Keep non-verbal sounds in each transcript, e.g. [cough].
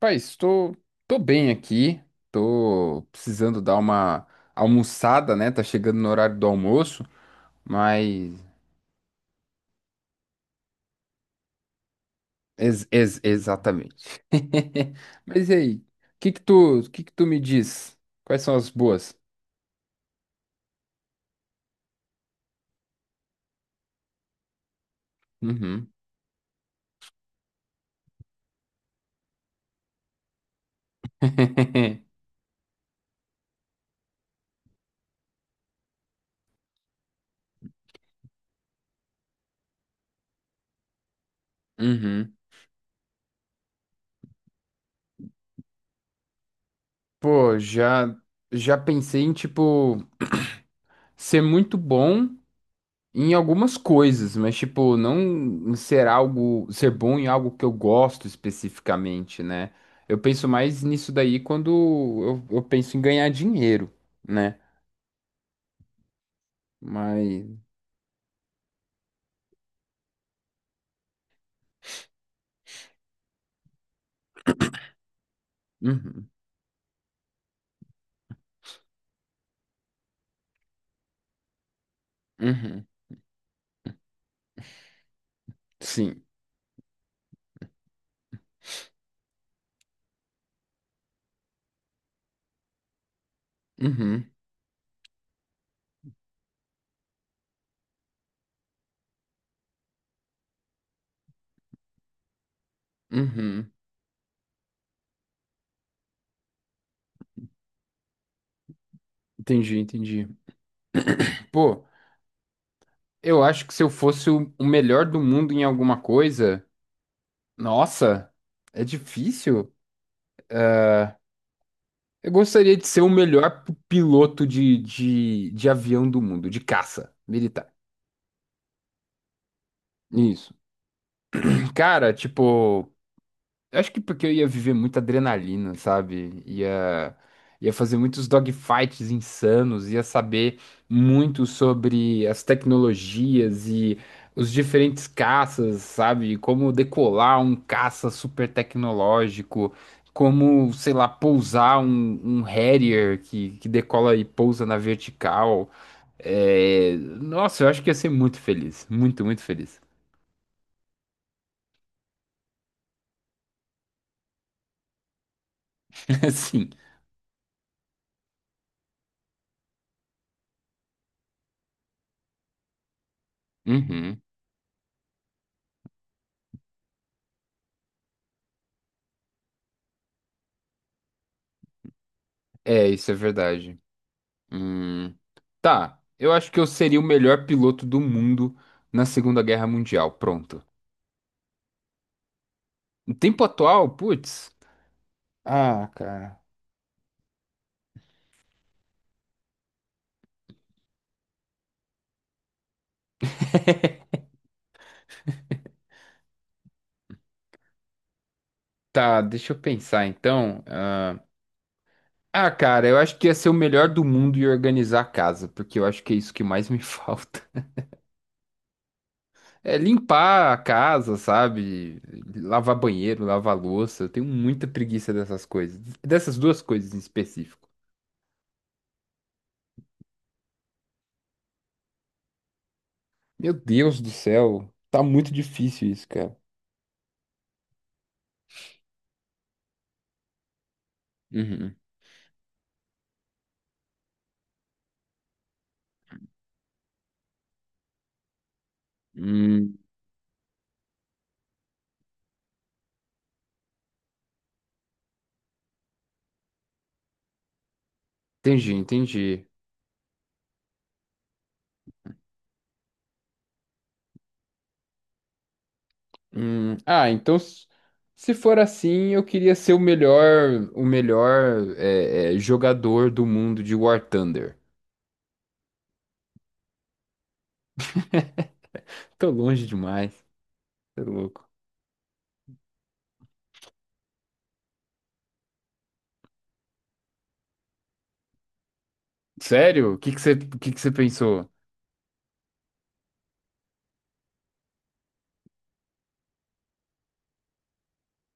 Pai, estou tô bem aqui, tô precisando dar uma almoçada, né? Tá chegando no horário do almoço, mas exatamente. [laughs] Mas e aí, o que que tu me diz? Quais são as boas? Uhum. [laughs] Uhum. Pô, já pensei em tipo ser muito bom em algumas coisas, mas tipo, não ser algo, ser bom em algo que eu gosto especificamente, né? Eu penso mais nisso daí quando eu penso em ganhar dinheiro, né? Mas. Uhum, uhum, sim. Uhum, uhum. Entendi, entendi. Pô, eu acho que se eu fosse o melhor do mundo em alguma coisa, nossa, é difícil. Eu gostaria de ser o melhor piloto de avião do mundo, de caça militar. Isso. Cara, tipo, eu acho que porque eu ia viver muita adrenalina, sabe? Ia fazer muitos dogfights insanos, ia saber muito sobre as tecnologias e os diferentes caças, sabe? Como decolar um caça super tecnológico, como, sei lá, pousar um Harrier que decola e pousa na vertical. É, nossa, eu acho que ia ser muito feliz, muito, muito feliz. [laughs] Sim. É, isso é verdade. Hum, Tá, eu acho que eu seria o melhor piloto do mundo na Segunda Guerra Mundial. Pronto. No tempo atual, putz. Ah, cara. Tá, deixa eu pensar então. Ah, cara, eu acho que ia ser o melhor do mundo e organizar a casa, porque eu acho que é isso que mais me [laughs] falta. É limpar a casa, sabe? Lavar banheiro, lavar louça. Eu tenho muita preguiça dessas coisas. Dessas duas coisas em específico. Meu Deus do céu, tá muito difícil isso, cara. Uhum. Hum, entendi, entendi. Ah, então. Se for assim, eu queria ser o melhor, o melhor jogador do mundo de War Thunder. Tô longe demais, tô louco. Sério? O que que você pensou?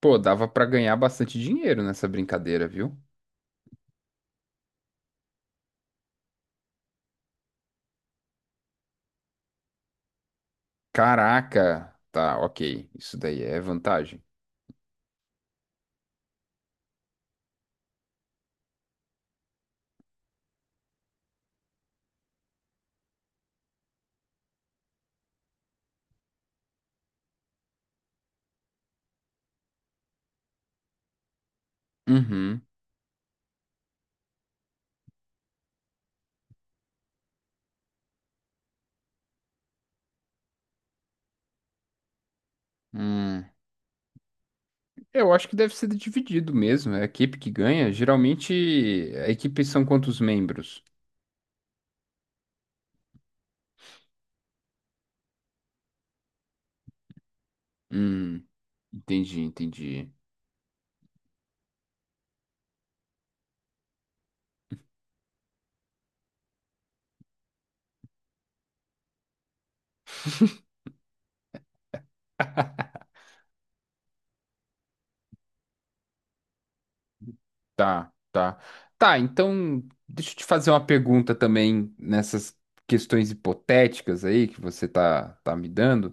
Pô, dava pra ganhar bastante dinheiro nessa brincadeira, viu? Caraca, tá, ok. Isso daí é vantagem. Uhum. Hum. Eu acho que deve ser dividido mesmo. É a equipe que ganha. Geralmente, a equipe são quantos membros? Hum, entendi, entendi. Tá, tá. Tá, então deixa eu te fazer uma pergunta também nessas questões hipotéticas aí que você tá me dando.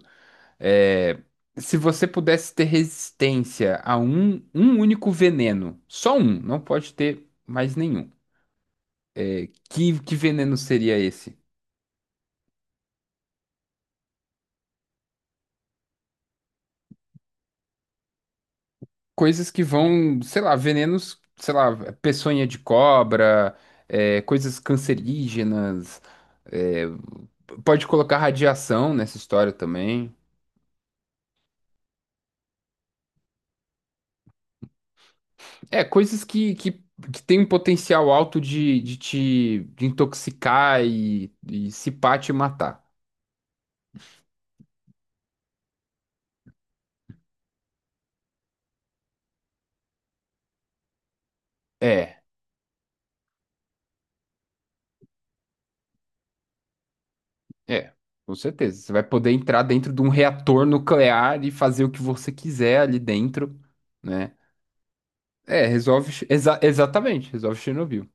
É, se você pudesse ter resistência a um único veneno, só um, não pode ter mais nenhum. É, que veneno seria esse? Coisas que vão, sei lá, venenos, sei lá, peçonha de cobra, é, coisas cancerígenas. É, pode colocar radiação nessa história também. É, coisas que tem um potencial alto de te de intoxicar e se pá, te matar. É, é, com certeza. Você vai poder entrar dentro de um reator nuclear e fazer o que você quiser ali dentro, né? É, resolve. Exatamente, resolve Chernobyl.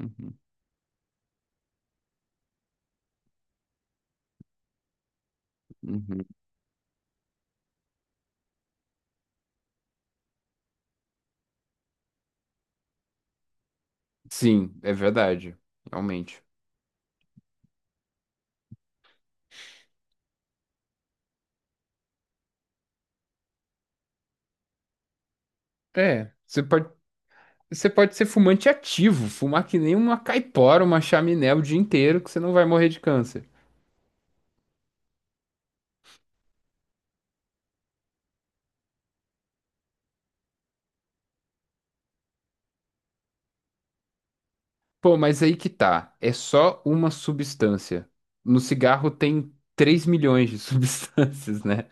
Uhum, uhum. Sim, é verdade, realmente. É, você pode. Você pode ser fumante ativo, fumar que nem uma caipora, uma chaminé o dia inteiro, que você não vai morrer de câncer. Pô, mas aí que tá. É só uma substância. No cigarro tem 3 milhões de [laughs] substâncias, né?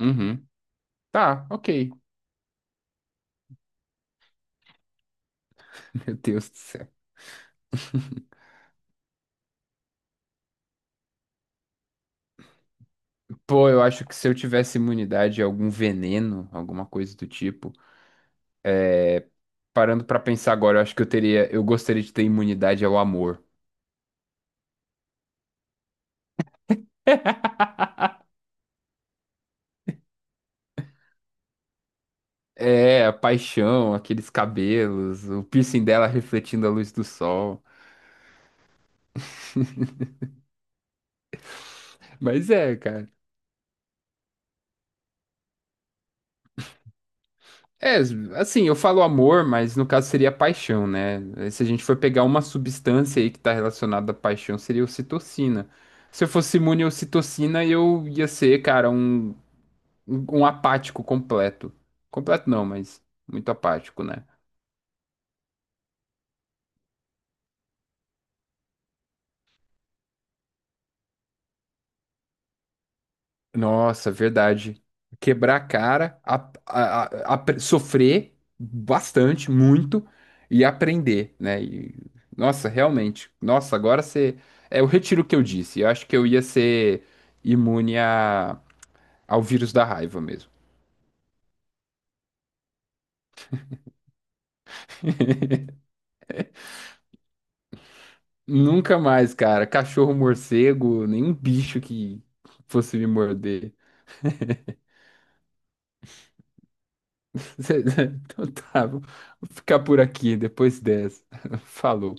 Uhum. Tá, ok. [laughs] Meu Deus do céu. Pô, eu acho que se eu tivesse imunidade a algum veneno, alguma coisa do tipo, parando pra pensar agora, eu acho que eu teria, eu gostaria de ter imunidade ao amor. [laughs] É, a paixão, aqueles cabelos, o piercing dela refletindo a luz do sol. Mas é, cara. É, assim, eu falo amor, mas no caso seria paixão, né? Se a gente for pegar uma substância aí que tá relacionada à paixão, seria ocitocina. Se eu fosse imune à ocitocina, eu ia ser, cara, um apático completo. Completo não, mas muito apático, né? Nossa, verdade. Quebrar a cara, sofrer bastante, muito, e aprender, né? E, nossa, realmente. Nossa, agora você. É, eu retiro o que eu disse. Eu acho que eu ia ser imune a, ao vírus da raiva mesmo. Nunca mais, cara. Cachorro, morcego, nenhum bicho que fosse me morder. [laughs] Então tá, vou ficar por aqui depois dessa. [laughs] Falou.